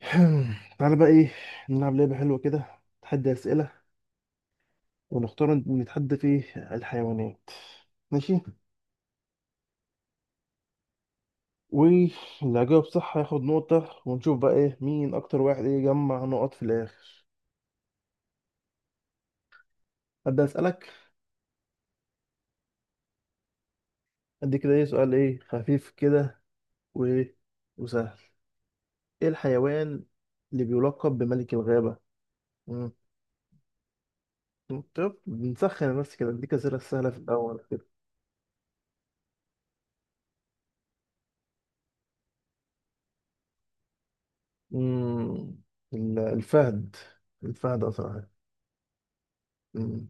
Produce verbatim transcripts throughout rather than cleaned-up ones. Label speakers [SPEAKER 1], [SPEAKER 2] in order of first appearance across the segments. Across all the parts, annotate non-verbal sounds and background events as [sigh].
[SPEAKER 1] [clears throat] تعالى بقى ايه، نلعب لعبة حلوة كده، تحدي أسئلة، ونختار نتحدى في الحيوانات. ماشي. واللي هيجاوب صح هياخد نقطة، ونشوف بقى ايه مين أكتر واحد ايه يجمع نقط في الآخر. أبدأ أسألك. أدي كده ايه سؤال ايه خفيف كده، وايه وسهل. ايه الحيوان اللي بيلقب بملك الغابة؟ مم. طب نسخن بس كده، أديك أسئلة سهلة في الأول كده. مم. ال- الفهد الفهد أسرع حاجة. مم.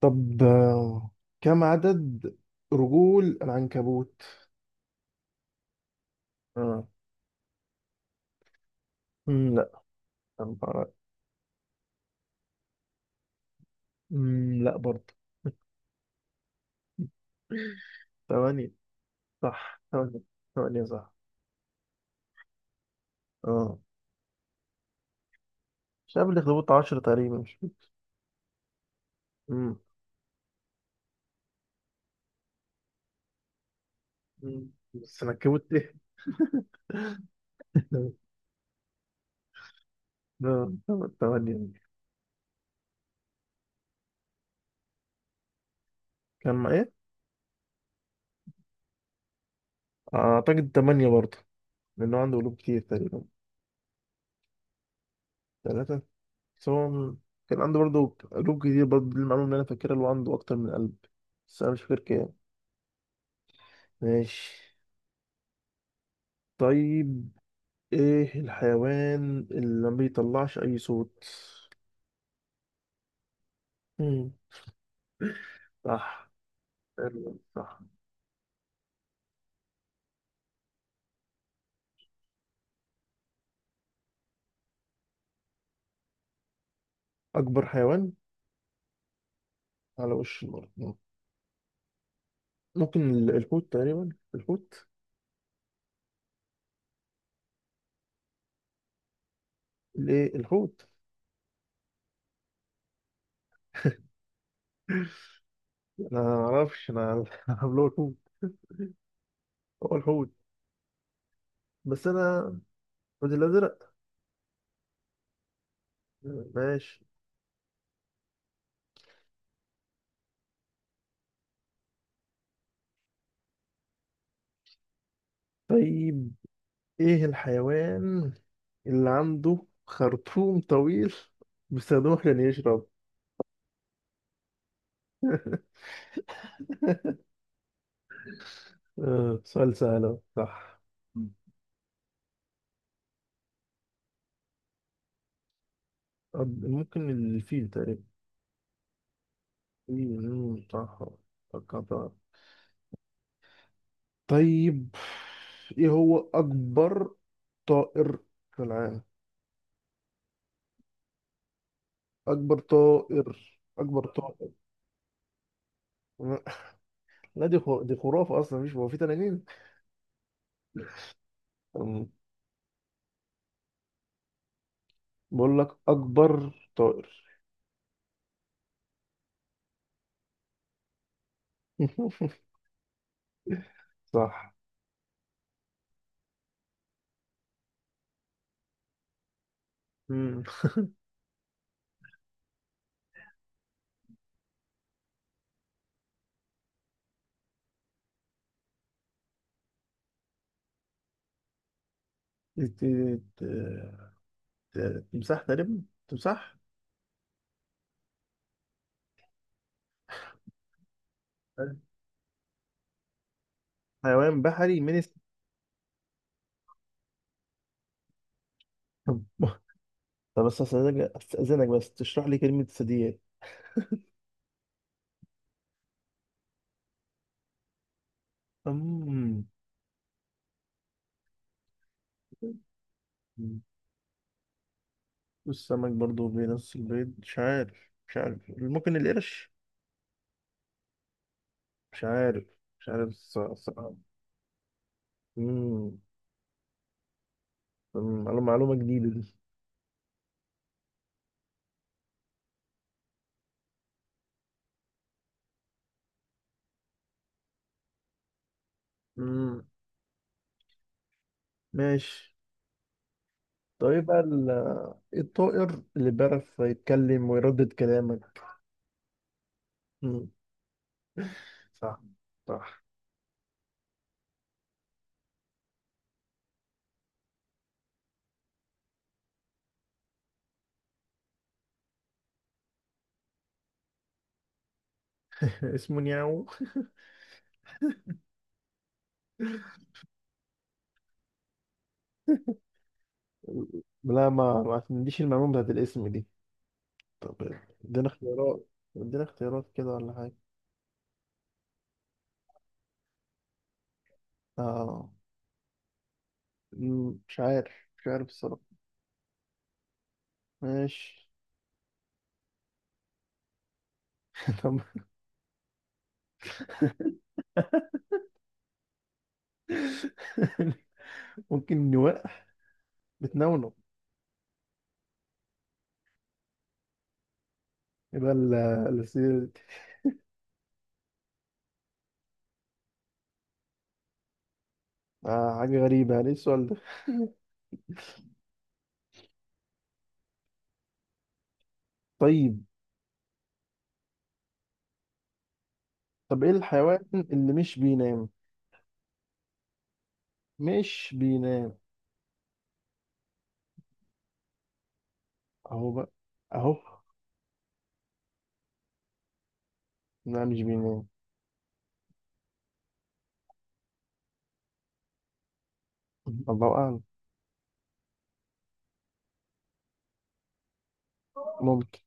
[SPEAKER 1] طب آه، كم عدد رجول العنكبوت؟ اه. مم، لا، أربعة. مم، لا برضه. [laughs] ثمانية. صح، ثمانية ثمانية صح. اه، مش عارف الأخطبوط عشرة تقريبا، مش فاكر. مم. مم. بس أنا كبوت إيه؟ [laughs] لا، ثمانية. كان مع [laughs] إيه؟ أعتقد ثمانية برضه، لأنه عنده قلوب كتير تقريبا. ثلاثة؟ بس هو م- كان عنده برضه قلوب كتير برضه، دي المعلومة اللي أنا فاكرها، اللي هو عنده أكتر من قلب، بس أنا مش فاكر كام. ماشي. طيب، ايه الحيوان اللي ما بيطلعش اي صوت؟ مم. صح. حلو، صح. اكبر حيوان على وش الارض. مم. ممكن ال- الحوت تقريبا. الحوت. الايه الحوت. انا ما اعرفش، انا [laughs] عامله الحوت هو الحوت. بس انا الحوت الازرق. ماشي. طيب، ايه الحيوان اللي عنده خرطوم طويل بيستخدمه عشان يشرب؟ آه، سؤال سهل أهو. صح. مم. ممكن الفيل تقريبا. امم صح، فكرت. طيب، ايه هو اكبر طائر في العالم؟ اكبر طائر، اكبر طائر. [laughs] لا دي خ- دي خرافة اصلا، مش هو في تنانين. أم، بقول لك اكبر طائر. [laughs] صح. امم تمساح تقريبا. تمساح. حيوان بحري من الس... طب، طب بس استاذنك، استاذنك بس تشرح لي كلمة ثدييات. امم والسمك برضو بنفس البيض. مش عارف، مش عارف. ممكن القرش؟ مش عارف، مش عارف الص- الصراحة. امم معلومة معلومة جديدة دي. امم ماشي. طيب، بقى ال- إيه الطائر اللي بيعرف يتكلم ويردد كلامك؟ امم. صح، صح. [laughs] اسمه نياو. لا، ما ما عنديش المعلومة بتاعت الاسم دي. طب ادينا اختيارات. ادينا اختيارات كده ولا حاجة؟ اه. مم، مش عارف، مش عارف الصراحة. ماشي. [laughs] طب. [laughs] ممكن نواء. بتنونو. يبقى ال- الأسئلة دي. آه، حاجة غريبة يعني، ايه السؤال ده؟ طيب. طب ايه الحيوان اللي مش بينام؟ مش بينام. اهو بقى، اهو. لا، مش بينام. [laughs] الله أعلم. ممكن،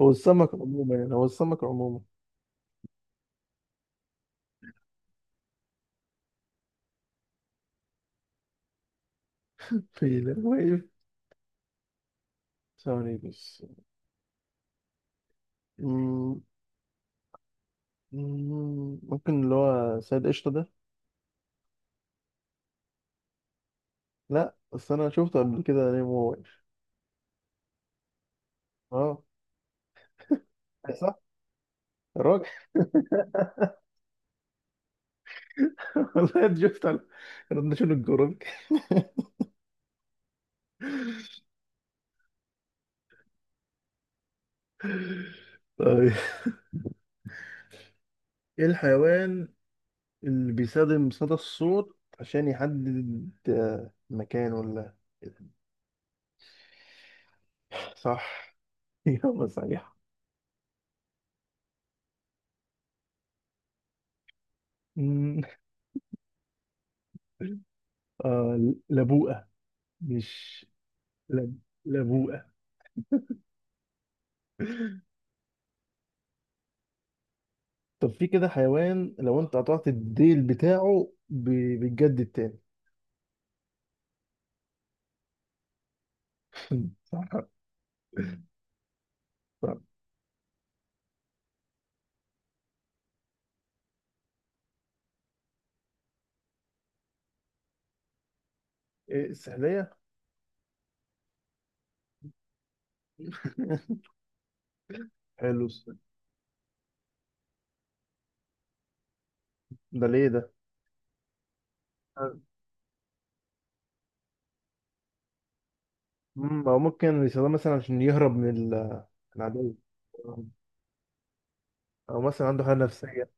[SPEAKER 1] هو السمك عموما، يعني هو السمك عموما. في واقف. ثواني بس. مم، مم، ممكن اللي هو سيد قشطة ده. لا بس أنا شفته قبل كده نايم وهو واقف. اه. صح. الراجل. [laughs] والله انت شفت، على كنا شنو الجروب؟ [laughs] طيب، ايه الحيوان اللي بيستخدم صدى الصوت عشان يحدد آه، مكان ولا إيه؟ صح. [laughs] إجابة صحيحة. مم. آه لبوءة. مش لب... لبوءة. طب في كده حيوان لو انت قطعت الديل بتاعه ب... بيتجدد تاني. [laughs] صح. صح، إيه، السحلية. [laughs] حلو السؤال. ده ليه ده؟ مم، او ممكن يستخدمها مثلا عشان يهرب من ال- العدو. او مثلا عنده حاله نفسيه.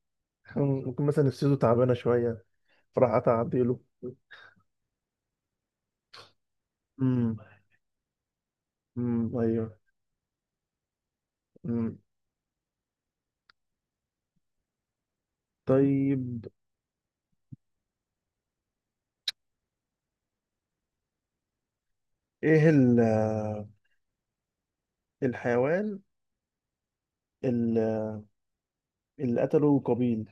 [SPEAKER 1] [laughs] مم، ممكن مثلا نفسيته تعبانه شويه، فراح قطع عديله. امم. امم، ايوه. امم. طيب ايه ال الحيوان ال- اللي قتله قابيل.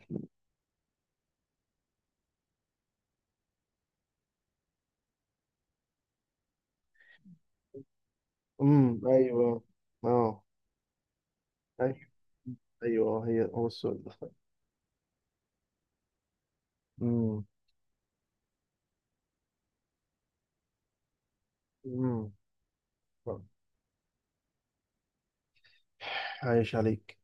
[SPEAKER 1] امم، ايوه. اه، ايوه. ايوه هي هو السؤال ده. امم. امم. عايش عليك.